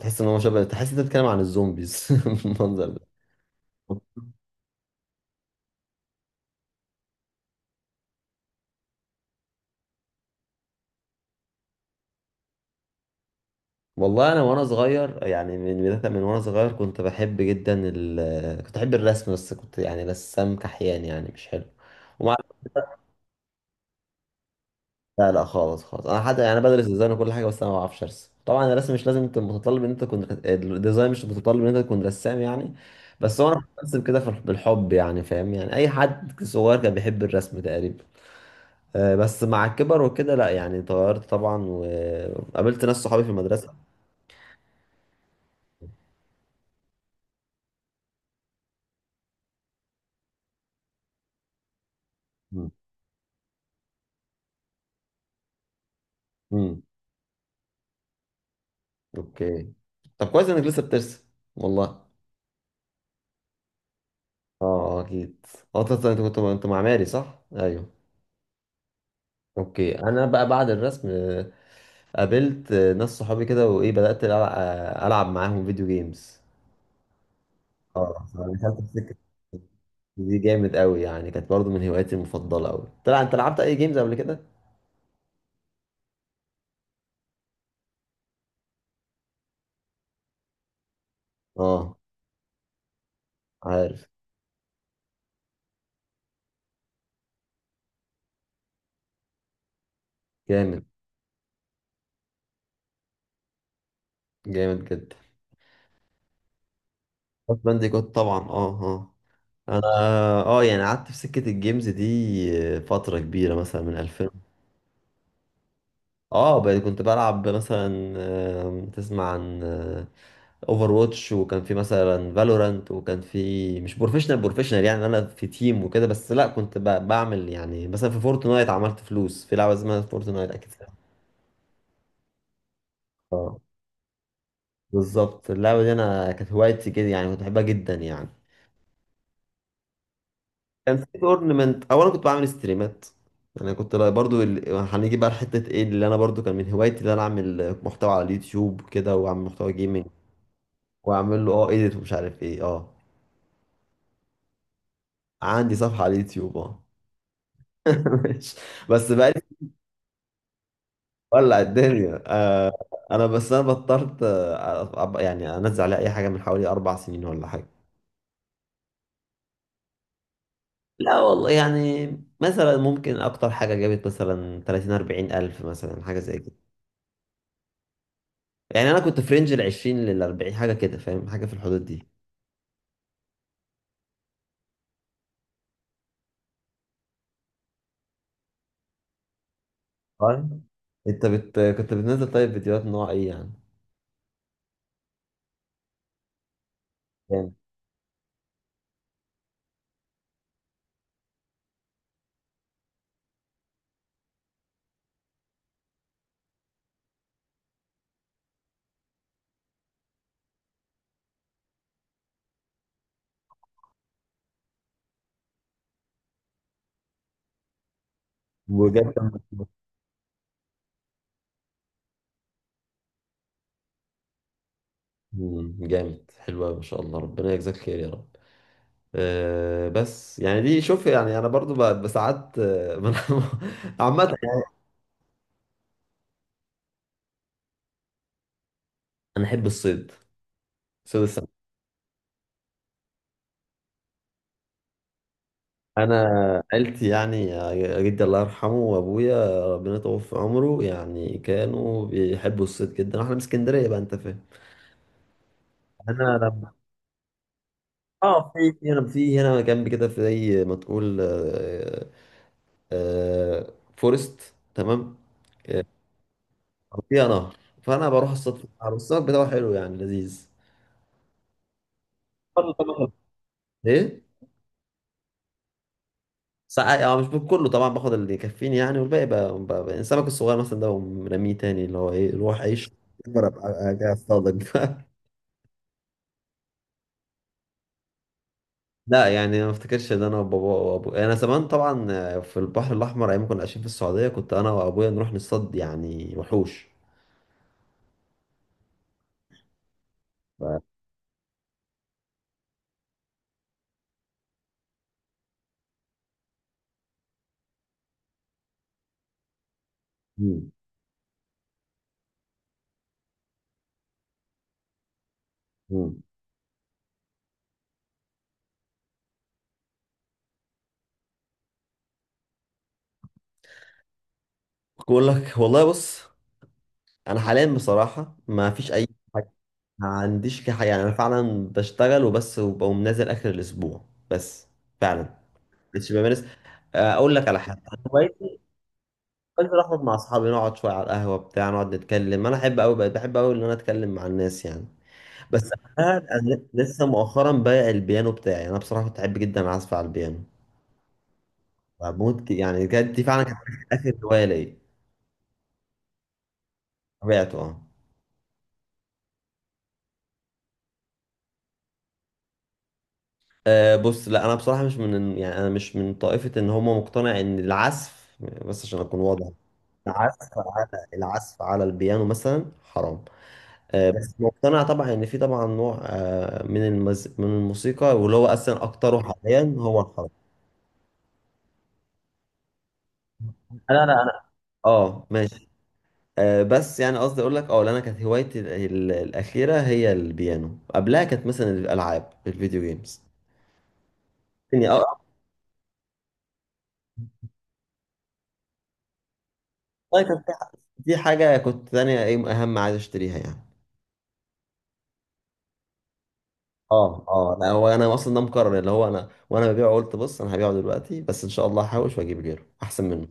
تحس ان هو شبه، تحس انت بتتكلم عن الزومبيز المنظر ده. والله انا وانا صغير يعني من وانا صغير كنت بحب جدا كنت بحب الرسم، بس كنت يعني رسام كحيان يعني مش حلو. ومع لا لا، خالص. انا حتى يعني بدرس ديزاين وكل حاجه، بس انا ما بعرفش ارسم. طبعا الرسم مش لازم، انت متطلب ان انت تكون، الديزاين مش متطلب ان انت تكون رسام يعني. بس هو انا كنت برسم كده بالحب يعني، فاهم يعني، اي حد صغير كان بيحب الرسم تقريبا. بس مع الكبر وكده لا، يعني اتغيرت طبعا، وقابلت ناس صحابي في المدرسة. مم. مم. اوكي. طب كويس انك لسه بترسم. والله اه، اكيد. اه انت، أنت كنت انت معماري صح؟ ايوه اوكي. انا بقى بعد الرسم، قابلت ناس صحابي كده، وايه، بدأت العب معاهم فيديو جيمز. اه دخلت في سكة. دي جامد قوي يعني، كانت برضو من هواياتي المفضلة قوي. طلع انت لعبت اي جيمز قبل كده؟ اه عارف. جامد. جامد جدا. كراش بانديكوت طبعا، اه اه. انا اه يعني قعدت في سكة الجيمز دي فترة كبيرة، مثلا من 2000. اه بقى كنت بلعب مثلا، تسمع عن اوفر واتش، وكان في مثلا فالورانت، وكان في، مش بروفيشنال بروفيشنال يعني، انا في تيم وكده، بس لا كنت بعمل يعني مثلا في فورتنايت، عملت فلوس في لعبة اسمها فورتنايت اكيد. اه بالظبط. اللعبة دي انا كانت هوايتي كده يعني، كنت بحبها جدا يعني. كان في اورنمنت، اولا كنت بعمل ستريمات. يعني كنت هنيجي بقى لحته ايه، اللي انا برضو كان من هوايتي، اللي انا اعمل محتوى على اليوتيوب كده، واعمل محتوى جيمنج، واعمل له اه ايديت ومش عارف ايه. اه عندي صفحه على اليوتيوب اه. ماشي. بس بقى، ولع الدنيا. انا بس انا بطلت، يعني انزل عليها اي حاجه من حوالي اربع سنين ولا حاجه. لا والله يعني، مثلا ممكن اكتر حاجه جابت مثلا 30 40 الف، مثلا حاجه زي كده يعني. انا كنت في رينج ال 20 لل 40، حاجه كده فاهم، حاجه في الحدود دي. طيب. كنت بتنزل طيب فيديوهات نوع ايه يعني؟ جامد. وجاب كم؟ مم، جامد. حلو أوي، ما شاء الله، ربنا يجزاك خير يا رب. أه بس يعني دي، شوف يعني انا برضو بساعات، عامه يعني. انا احب الصيد، صيد السمك. انا عيلتي يعني، جدي الله يرحمه وابويا ربنا يطول في عمره، يعني كانوا بيحبوا الصيد جدا. احنا من اسكندريه بقى، انت فاهم. انا اه في هنا جنب كده، في زي ما تقول، فورست تمام، أو فيها نهر. فانا بروح اصطاد في النهر، والسمك بتاعه حلو يعني، لذيذ. برضه طبعا. ايه. ساعات اه، مش كله طبعا، باخد اللي يكفيني يعني، والباقي بقى, السمك الصغير مثلا ده، برميه تاني، اللي هو ايه، روح عيش، أكبر ابقى أجي اصطادك لا يعني أنا ما افتكرش ان انا وابويا، انا زمان طبعا في البحر الاحمر، ايام ما كنا عايشين في السعوديه، كنت انا وابويا نروح نصطاد يعني وحوش. ف... مم. مم. بقول لك والله، بص، انا حاليا بصراحه ما فيش اي حاجه. ما عنديش حاجه يعني، انا فعلا بشتغل وبس، وبقوم نازل اخر الاسبوع بس، فعلا. مش بمارس. اقول لك على حاجه، انا هوايتي، بنزل اخرج مع اصحابي، نقعد شويه على القهوه بتاع، نقعد نتكلم. انا احب قوي، بقيت بحب قوي ان انا اتكلم مع الناس يعني. بس انا، أنا لسه مؤخرا بايع البيانو بتاعي. انا بصراحه كنت احب جدا اعزف على البيانو، بموت يعني. كانت دي فعلا كانت اخر هوايه ليا. بعته اه. أه بص، لا انا بصراحه مش من، يعني انا مش من طائفه ان هم مقتنع ان العزف، بس عشان اكون واضح، العزف على العزف على البيانو مثلا حرام. أه بس مقتنع طبعا ان في طبعا نوع أه من الموسيقى، واللي هو اصلا اكتره حاليا هو الحرام. انا اه ماشي. أه بس يعني قصدي اقول لك، اه لأن انا كانت هوايتي الاخيره هي البيانو. قبلها كانت مثلا الالعاب، الفيديو جيمز يعني، اه والله كانت في، دي حاجه كنت تانية، ايه اهم، عايز اشتريها يعني. اه اه لا هو انا اصلا ده مقرر، اللي هو انا وانا ببيعه قلت بص، انا هبيعه دلوقتي بس ان شاء الله هحوش واجيب غيره احسن منه.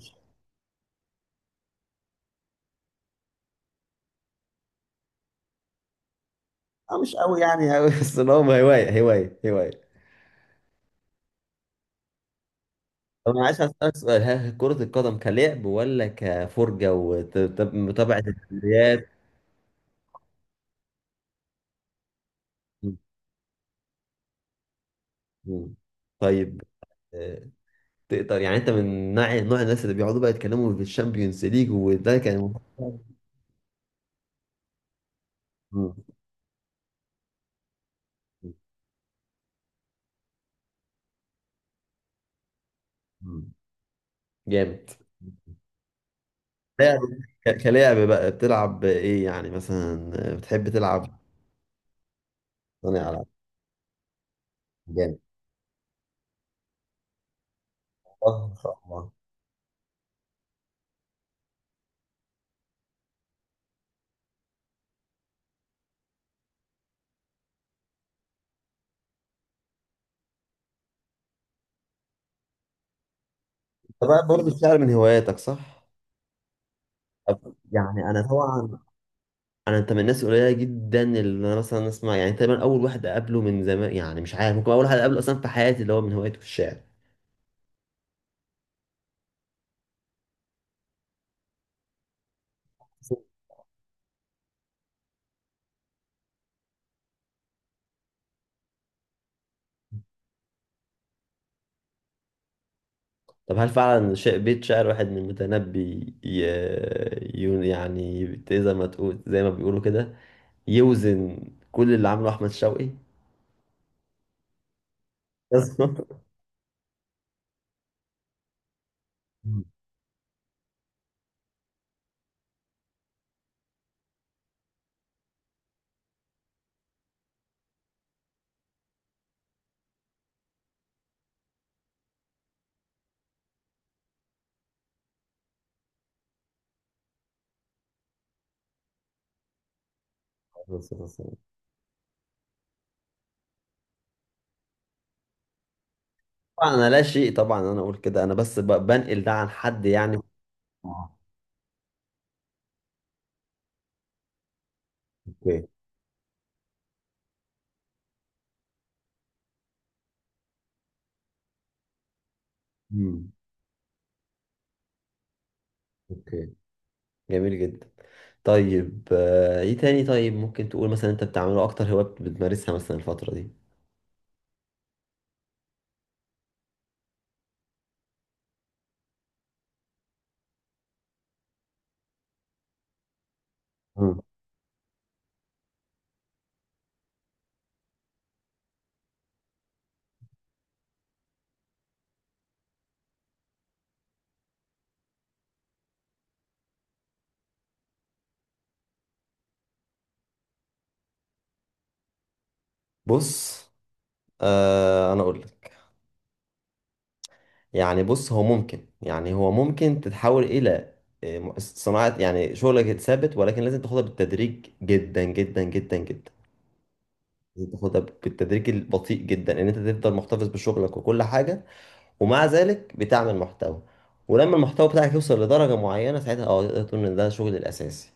اه مش قوي يعني، قوي بس اللي هو هوايه هوايه. طب انا عايز اسالك سؤال، ها، كرة القدم كلعب، ولا كفرجة ومتابعة الدوريات؟ م- م. طيب. آه، تقدر يعني، انت من نوع، نوع الناس اللي بيقعدوا بقى يتكلموا في الشامبيونز ليج، وده كان م- م- م. جامد. لعب، كلعب بقى بتلعب ايه يعني مثلا، بتحب تلعب. صانع العاب؟ جامد. اه ان شاء الله. انت بقى برضه الشعر من هواياتك صح؟ طب يعني انا طبعا، انا، انت من الناس القليله جدا اللي انا مثلا اسمع، يعني تقريبا اول واحد اقابله من زمان، يعني مش عارف، ممكن اول واحد اقابله اصلا في حياتي اللي هو من هوايته الشعر. طب هل فعلا بيت شعر واحد من المتنبي ي... يعني زي ما تقول، زي ما بيقولوا كده، يوزن كل اللي عمله احمد شوقي؟ طبعا انا لا شيء، طبعا انا اقول كده، انا بس بنقل ده عن حد يعني. اه اوكي. امم، اوكي جميل جدا. طيب ايه تاني، طيب ممكن تقول مثلا انت بتعمله اكتر هواية بتمارسها مثلا الفترة دي؟ مم. بص، آه انا اقول لك، يعني بص، هو ممكن تتحول الى، صناعة يعني، شغلك ثابت، ولكن لازم تاخدها بالتدريج، جدا. لازم تاخدها بالتدريج البطيء جدا، ان انت تفضل محتفظ بشغلك وكل حاجة، ومع ذلك بتعمل محتوى. ولما المحتوى بتاعك يوصل لدرجة معينة، ساعتها اه تقدر تقول ان ده شغل الأساسي.